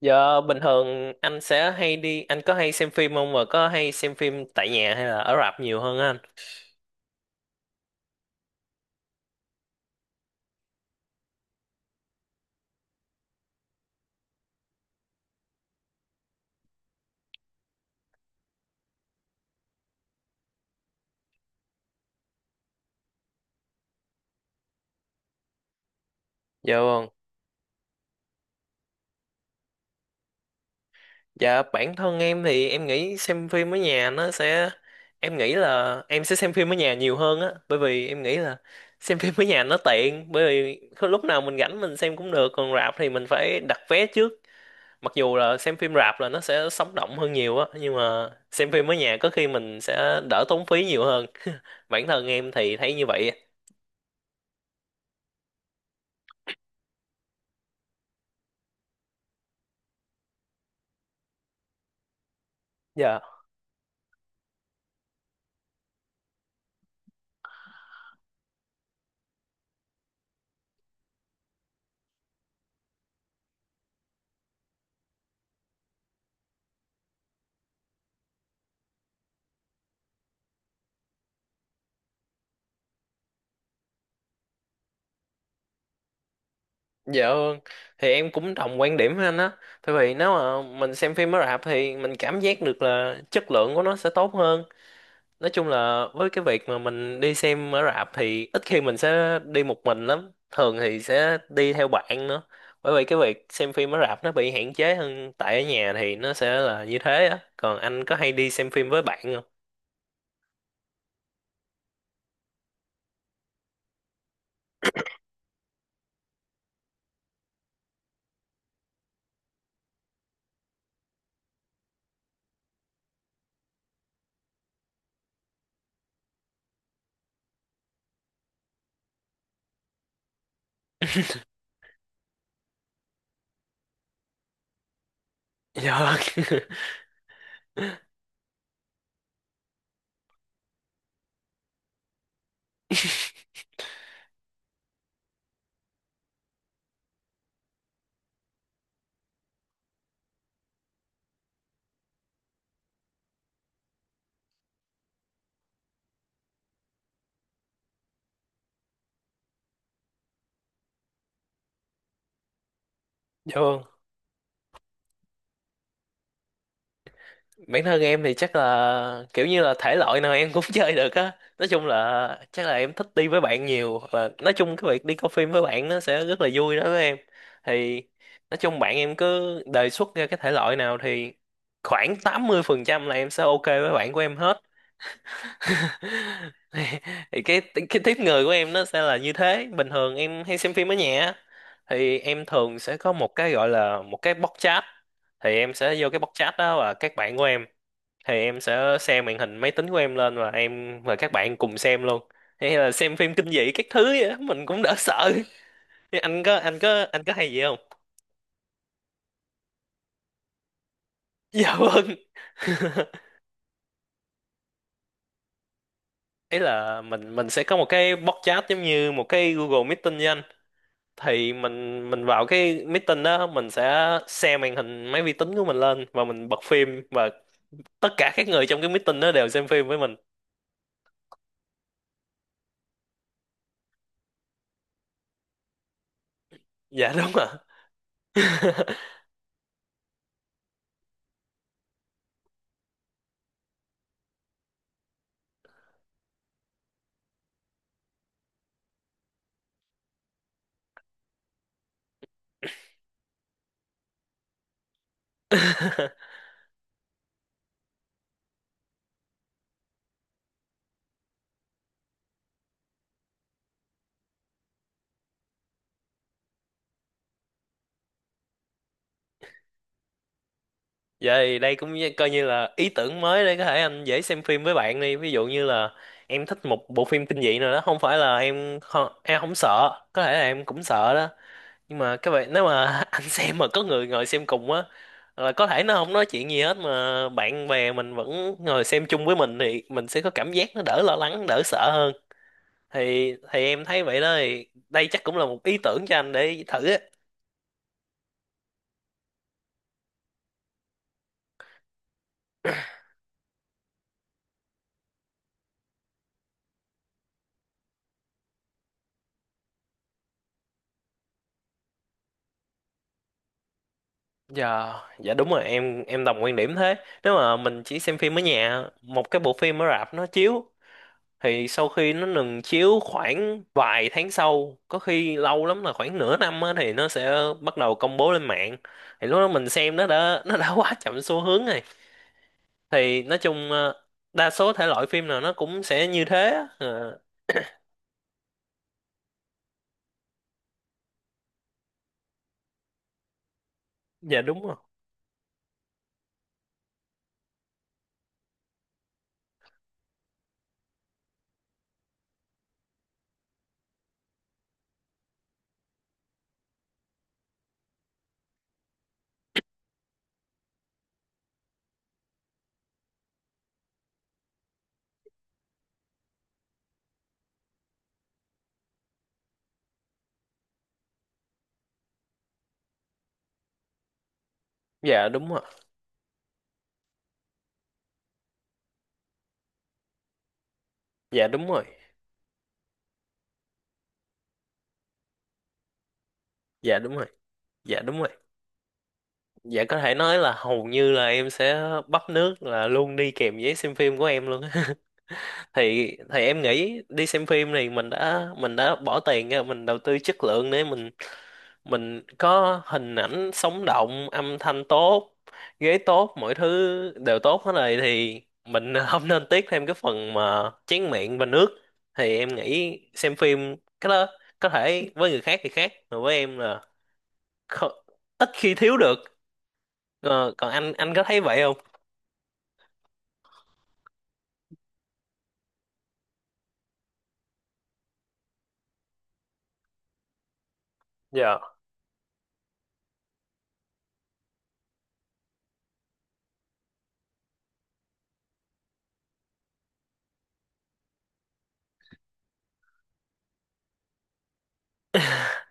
Giờ bình thường anh sẽ hay đi, anh có hay xem phim không và có hay xem phim tại nhà hay là ở rạp nhiều hơn anh? Dạ vâng. Dạ bản thân em thì em nghĩ xem phim ở nhà nó sẽ em nghĩ là em sẽ xem phim ở nhà nhiều hơn á, bởi vì em nghĩ là xem phim ở nhà nó tiện, bởi vì có lúc nào mình rảnh mình xem cũng được, còn rạp thì mình phải đặt vé trước. Mặc dù là xem phim rạp là nó sẽ sống động hơn nhiều á, nhưng mà xem phim ở nhà có khi mình sẽ đỡ tốn phí nhiều hơn. Bản thân em thì thấy như vậy á. Dạ. Dạ vâng, thì em cũng đồng quan điểm với anh á. Tại vì nếu mà mình xem phim mới rạp thì mình cảm giác được là chất lượng của nó sẽ tốt hơn. Nói chung là với cái việc mà mình đi xem ở rạp thì ít khi mình sẽ đi một mình lắm. Thường thì sẽ đi theo bạn nữa. Bởi vì cái việc xem phim ở rạp nó bị hạn chế hơn tại ở nhà thì nó sẽ là như thế á. Còn anh có hay đi xem phim với bạn không? Dạ vâng. Dạ vâng. Bản thân em thì chắc là kiểu như là thể loại nào em cũng chơi được á. Nói chung là chắc là em thích đi với bạn nhiều, hoặc là nói chung cái việc đi coi phim với bạn nó sẽ rất là vui đó với em. Thì nói chung bạn em cứ đề xuất ra cái thể loại nào thì khoảng 80% là em sẽ ok với bạn của em hết. thì thì cái tiếp người của em nó sẽ là như thế. Bình thường em hay xem phim ở nhà á, thì em thường sẽ có một cái gọi là một cái box chat, thì em sẽ vô cái box chat đó và các bạn của em, thì em sẽ xem màn hình máy tính của em lên và em và các bạn cùng xem luôn, hay là xem phim kinh dị các thứ vậy á, mình cũng đỡ sợ. Thế anh có hay gì không? Dạ vâng. Ấy là mình sẽ có một cái box chat giống như một cái Google Meeting với anh. Thì mình vào cái meeting đó, mình sẽ share màn hình máy vi tính của mình lên và mình bật phim, và tất cả các người trong cái meeting đó đều xem phim với mình. Dạ đúng ạ. Vậy đây cũng như- coi như là ý tưởng mới để có thể anh dễ xem phim với bạn đi. Ví dụ như là em thích một bộ phim kinh dị nào đó, không phải là em không sợ, có thể là em cũng sợ đó. Nhưng mà các bạn nếu mà anh xem mà có người ngồi xem cùng á, là có thể nó không nói chuyện gì hết mà bạn bè mình vẫn ngồi xem chung với mình thì mình sẽ có cảm giác nó đỡ lo lắng, đỡ sợ hơn. Thì em thấy vậy đó, thì đây chắc cũng là một ý tưởng cho anh để thử á. Dạ, dạ đúng rồi, em đồng quan điểm thế. Nếu mà mình chỉ xem phim ở nhà, một cái bộ phim ở rạp nó chiếu, thì sau khi nó ngừng chiếu khoảng vài tháng sau, có khi lâu lắm là khoảng nửa năm á, thì nó sẽ bắt đầu công bố lên mạng. Thì lúc đó mình xem nó đã quá chậm xu hướng rồi. Thì nói chung đa số thể loại phim nào nó cũng sẽ như thế á. Ờ, dạ đúng rồi. Dạ đúng rồi. Dạ đúng rồi. Dạ đúng rồi. Dạ đúng rồi. Dạ có thể nói là hầu như là em sẽ bắt nước là luôn đi kèm giấy xem phim của em luôn á. Thì em nghĩ đi xem phim thì mình đã bỏ tiền ra mình đầu tư chất lượng để mình có hình ảnh sống động, âm thanh tốt, ghế tốt, mọi thứ đều tốt hết rồi, thì mình không nên tiếc thêm cái phần mà chén miệng và nước. Thì em nghĩ xem phim cái đó, có thể với người khác thì khác, mà với em là kho- ít khi thiếu được. Ờ, còn anh có thấy vậy không? Dạ.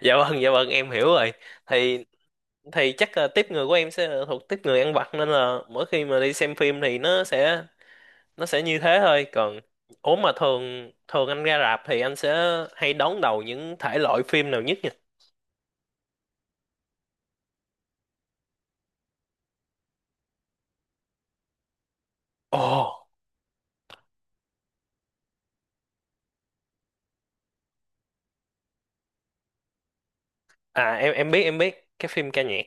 Dạ vâng, dạ vâng, em hiểu rồi. thì thì chắc là tiếp người của em sẽ là thuộc tiếp người ăn vặt, nên là mỗi khi mà đi xem phim thì nó sẽ, nó sẽ như thế thôi. Còn ốm mà thường thường anh ra rạp thì anh sẽ hay đón đầu những thể loại phim nào nhất nhỉ? Ồ. À, em biết, em biết cái phim ca nhạc.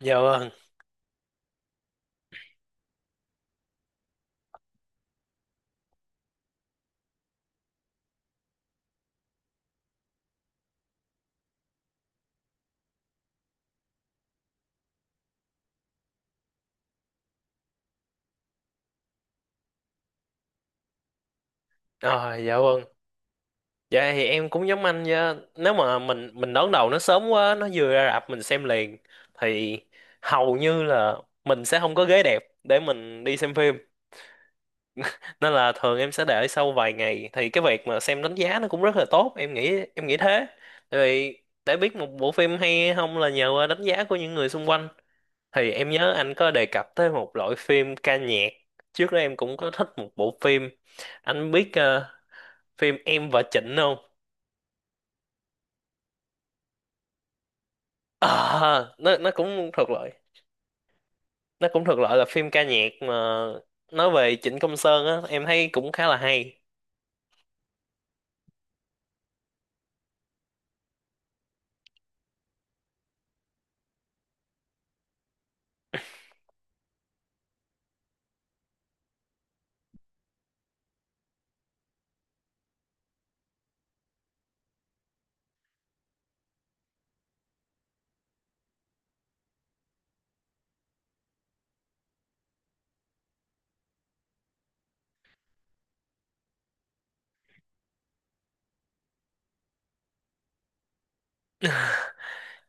Dạ vâng. À, dạ vâng. Dạ thì em cũng giống anh nha. Nếu mà mình đón đầu nó sớm quá, nó vừa ra rạp mình xem liền, thì hầu như là mình sẽ không có ghế đẹp để mình đi xem phim. Nên là thường em sẽ đợi sau vài ngày thì cái việc mà xem đánh giá nó cũng rất là tốt, em nghĩ thế. Tại vì để biết một bộ phim hay hay không là nhờ qua đánh giá của những người xung quanh. Thì em nhớ anh có đề cập tới một loại phim ca nhạc. Trước đó em cũng có thích một bộ phim. Anh biết phim Em và Trịnh không? Ờ, nó cũng thuộc loại, nó cũng thuộc loại là phim ca nhạc mà nói về Trịnh Công Sơn á, em thấy cũng khá là hay.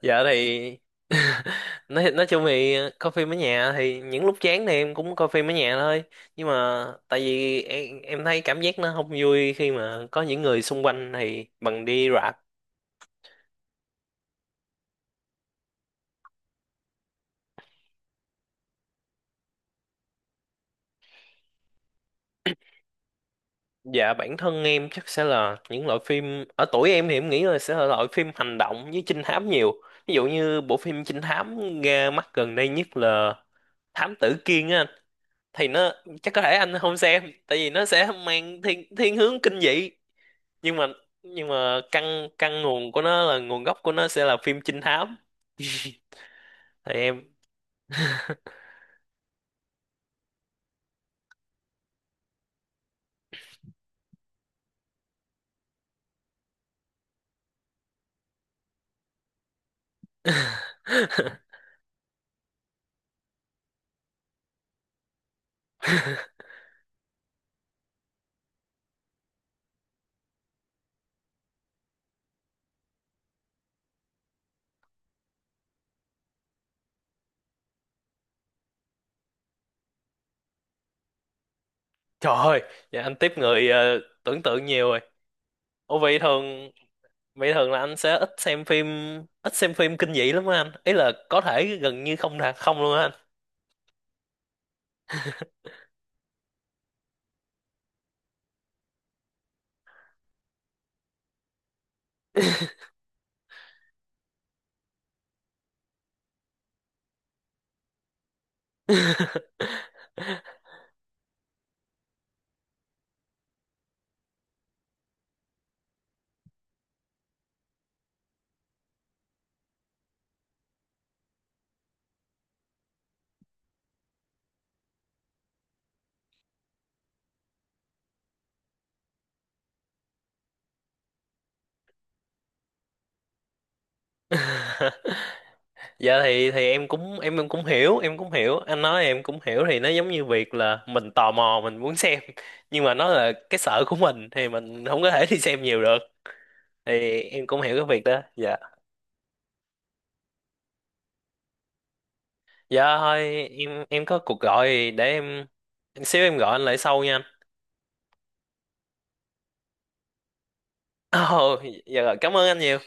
Giờ thì nói chung thì coi phim ở nhà, thì những lúc chán thì em cũng coi phim ở nhà thôi, nhưng mà tại vì em thấy cảm giác nó không vui khi mà có những người xung quanh thì bằng đi rạp. Dạ bản thân em chắc sẽ là những loại phim, ở tuổi em thì em nghĩ là sẽ là loại phim hành động với trinh thám nhiều. Ví dụ như bộ phim trinh thám ra mắt gần đây nhất là Thám Tử Kiên á anh, thì nó chắc có thể anh không xem tại vì nó sẽ mang thiên thiên hướng kinh dị, nhưng mà, nhưng mà căn căn nguồn của nó, là nguồn gốc của nó sẽ là phim trinh thám. Thì em. Trời ơi. Dạ anh tiếp người tưởng tượng nhiều rồi. Ủa vậy thường Vậy thường là anh sẽ ít xem phim kinh dị lắm á anh, ý là có thể gần như không là không luôn á anh. Dạ thì em cũng, em cũng hiểu, em cũng hiểu anh nói, em cũng hiểu. Thì nó giống như việc là mình tò mò, mình muốn xem, nhưng mà nó là cái sở của mình thì mình không có thể đi xem nhiều được. Thì em cũng hiểu cái việc đó. Dạ. Dạ thôi, em có cuộc gọi, để em, xíu em gọi anh lại sau nha anh. Ồ. Dạ rồi, cảm ơn anh nhiều.